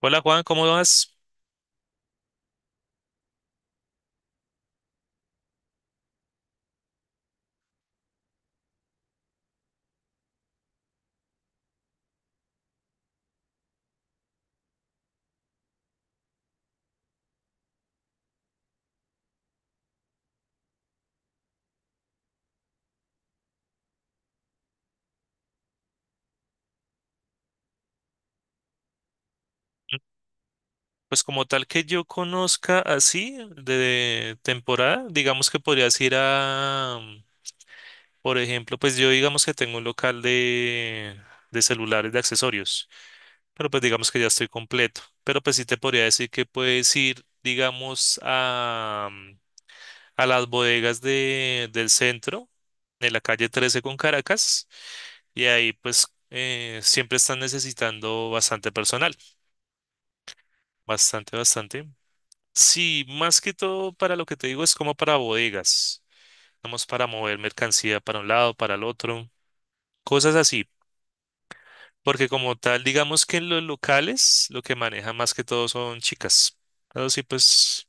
Hola Juan, ¿cómo vas? Pues como tal que yo conozca así de temporada, digamos que podrías ir a, por ejemplo, pues yo digamos que tengo un local de celulares, de accesorios, pero pues digamos que ya estoy completo. Pero pues sí te podría decir que puedes ir, digamos, a, a las bodegas del centro, de la calle 13 con Caracas, y ahí pues siempre están necesitando bastante personal, bastante, bastante. Sí, más que todo para lo que te digo es como para bodegas, vamos para mover mercancía para un lado, para el otro, cosas así, porque como tal, digamos que en los locales lo que manejan más que todo son chicas, pero sí, pues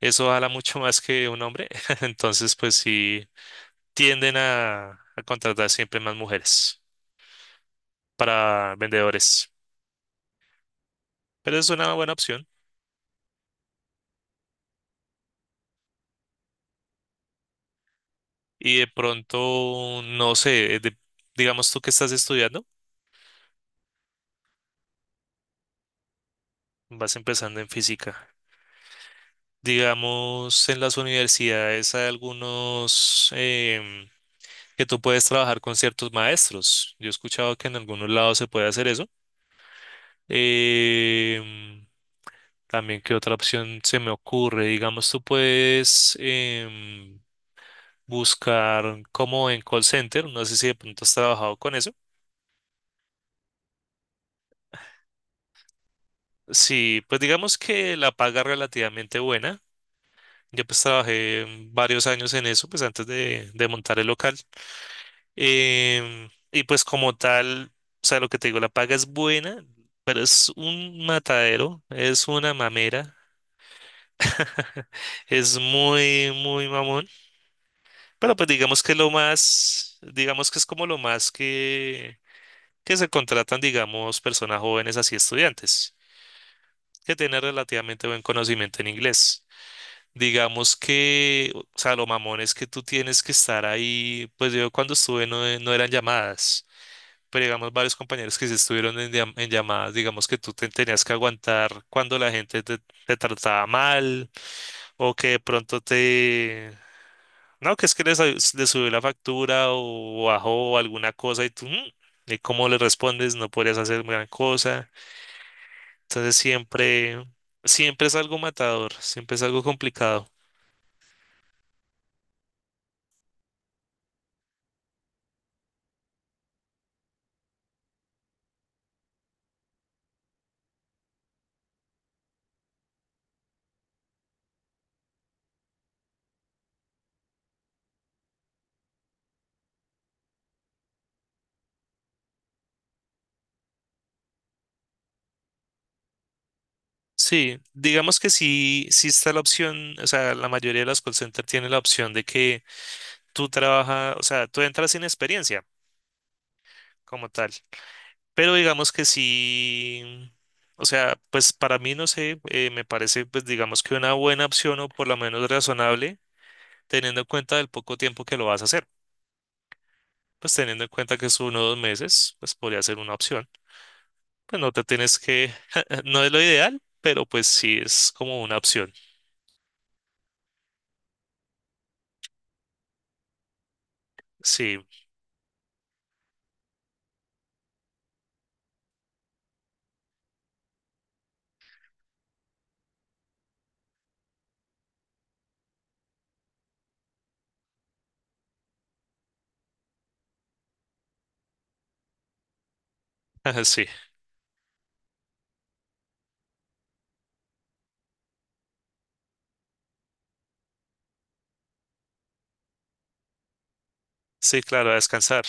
eso habla mucho más que un hombre, entonces pues sí tienden a contratar siempre más mujeres para vendedores, pero es una buena opción y de pronto, no sé, digamos tú que estás estudiando, vas empezando en física. Digamos, en las universidades hay algunos que tú puedes trabajar con ciertos maestros. Yo he escuchado que en algunos lados se puede hacer eso. Em, también, ¿qué otra opción se me ocurre? Digamos, tú puedes buscar como en call center. No sé si de pronto has trabajado con eso. Sí, pues digamos que la paga es relativamente buena. Yo pues trabajé varios años en eso, pues antes de montar el local. Y pues como tal, o sea, lo que te digo, la paga es buena, pero es un matadero, es una mamera, es muy, muy mamón. Pero pues digamos que lo más, digamos que es como lo más que se contratan, digamos, personas jóvenes así estudiantes, que tienen relativamente buen conocimiento en inglés. Digamos que, o sea, lo mamón es que tú tienes que estar ahí, pues yo cuando estuve no, no eran llamadas. Pero digamos varios compañeros que sí estuvieron en, en llamadas, digamos que tú te tenías que aguantar cuando la gente te, te trataba mal o que de pronto te... No, que es que les subió la factura o bajó alguna cosa y tú, "Mm", ¿y cómo le respondes? No podrías hacer gran cosa. Entonces siempre, siempre es algo matador, siempre es algo complicado. Sí, digamos que sí, sí está la opción, o sea, la mayoría de las call centers tiene la opción de que tú trabajas, o sea, tú entras sin experiencia, como tal. Pero digamos que sí, o sea, pues para mí, no sé, me parece, pues digamos que una buena opción o por lo menos razonable, teniendo en cuenta el poco tiempo que lo vas a hacer. Pues teniendo en cuenta que es uno o dos meses, pues podría ser una opción. Pues no te tienes que, no es lo ideal, pero pues sí es como una opción. Sí, sí, sí, claro, a descansar.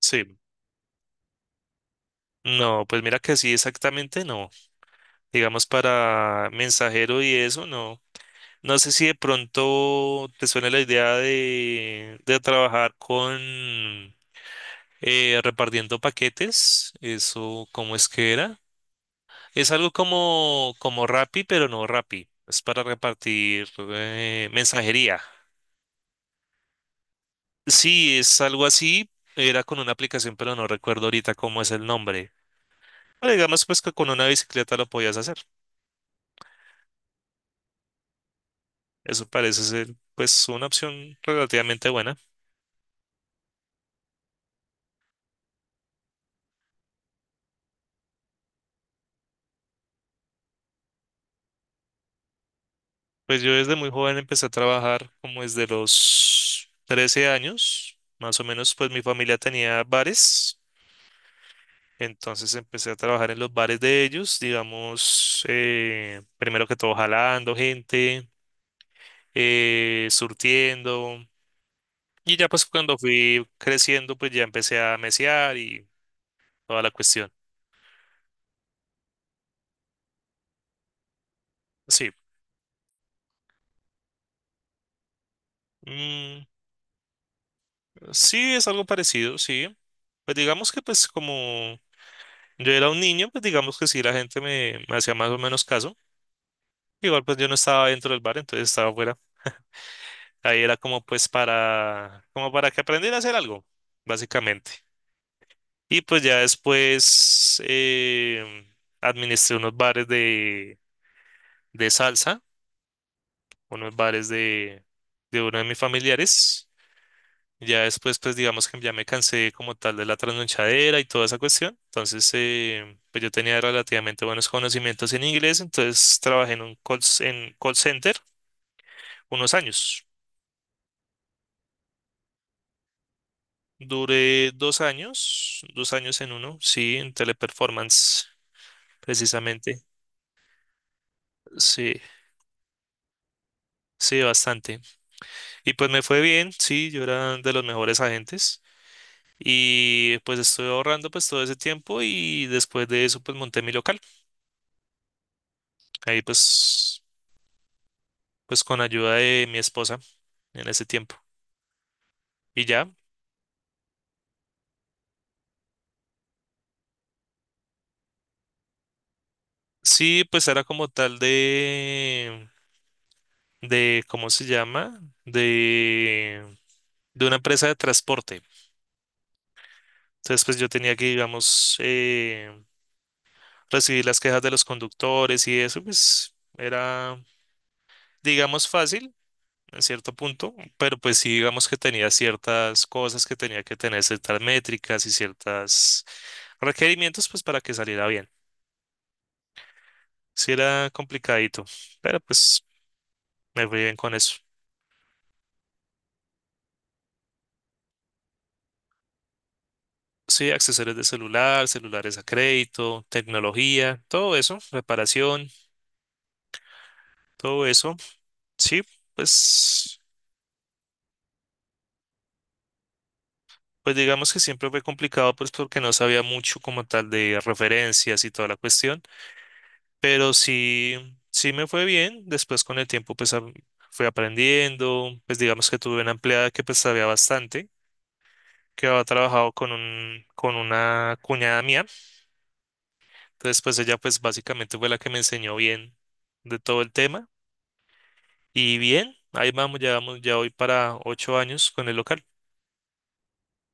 Sí. No, pues mira que sí, exactamente no. Digamos para mensajero y eso, no. No sé si de pronto te suena la idea de trabajar con repartiendo paquetes. Eso, ¿cómo es que era? Es algo como, como Rappi, pero no Rappi. Es para repartir mensajería. Sí, es algo así. Era con una aplicación, pero no recuerdo ahorita cómo es el nombre. Pero digamos pues que con una bicicleta lo podías hacer. Eso parece ser pues una opción relativamente buena. Pues yo desde muy joven empecé a trabajar como desde los 13 años, más o menos, pues mi familia tenía bares, entonces empecé a trabajar en los bares de ellos, digamos, primero que todo jalando gente, surtiendo, y ya pues cuando fui creciendo, pues ya empecé a mesear y toda la cuestión. Sí, mm, sí, es algo parecido, sí. Pues digamos que pues como yo era un niño, pues digamos que sí, la gente me hacía más o menos caso. Igual pues yo no estaba dentro del bar, entonces estaba afuera. Ahí era como pues para, como para que aprendiera a hacer algo, básicamente. Y pues ya después administré unos bares de salsa, unos bares de uno de mis familiares. Ya después pues digamos que ya me cansé como tal de la trasnochadera y toda esa cuestión. Entonces pues yo tenía relativamente buenos conocimientos en inglés, entonces trabajé en un en call center unos años. Duré 2 años, 2 años en uno, sí, en teleperformance, precisamente. Sí, sí, bastante. Y pues me fue bien, sí, yo era de los mejores agentes. Y pues estuve ahorrando pues todo ese tiempo y después de eso pues monté mi local. Ahí pues, pues con ayuda de mi esposa en ese tiempo. Y ya, sí, pues era como tal ¿cómo se llama? De, de una empresa de transporte. Entonces, pues yo tenía que, digamos, recibir las quejas de los conductores y eso, pues era, digamos, fácil en cierto punto, pero pues sí, digamos que tenía ciertas cosas que tenía que tener, ciertas métricas y ciertos requerimientos, pues para que saliera bien. Sí era complicadito, pero pues me fui bien con eso. Sí, accesorios de celular, celulares a crédito, tecnología, todo eso, reparación, todo eso. Sí, pues pues digamos que siempre fue complicado, pues porque no sabía mucho como tal de referencias y toda la cuestión, pero sí, sí me fue bien. Después con el tiempo, pues fui aprendiendo, pues digamos que tuve una empleada que pues sabía bastante, que había trabajado con un, con una cuñada mía. Entonces, pues ella pues básicamente fue la que me enseñó bien de todo el tema. Y bien, ahí vamos, ya voy para 8 años con el local.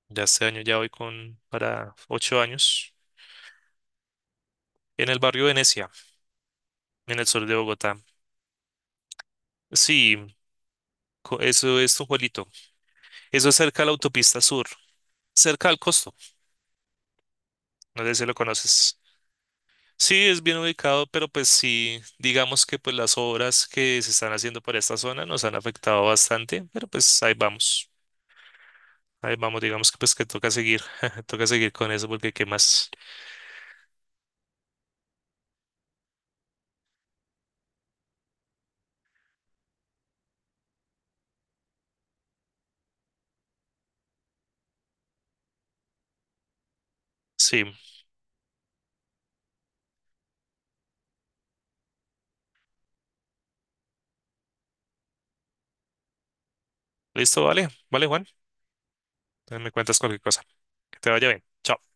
Ya este año ya voy con para 8 años en el barrio Venecia, en el sur de Bogotá. Sí, eso es un Juelito. Eso es cerca de la autopista sur, cerca al costo. No sé si lo conoces. Sí, es bien ubicado, pero pues sí, digamos que pues las obras que se están haciendo por esta zona nos han afectado bastante, pero pues ahí vamos. Ahí vamos, digamos que pues que toca seguir, toca seguir con eso porque qué más. Sí, listo, vale, vale, Juan. Me cuentas cualquier cosa. Que te vaya bien. Chao.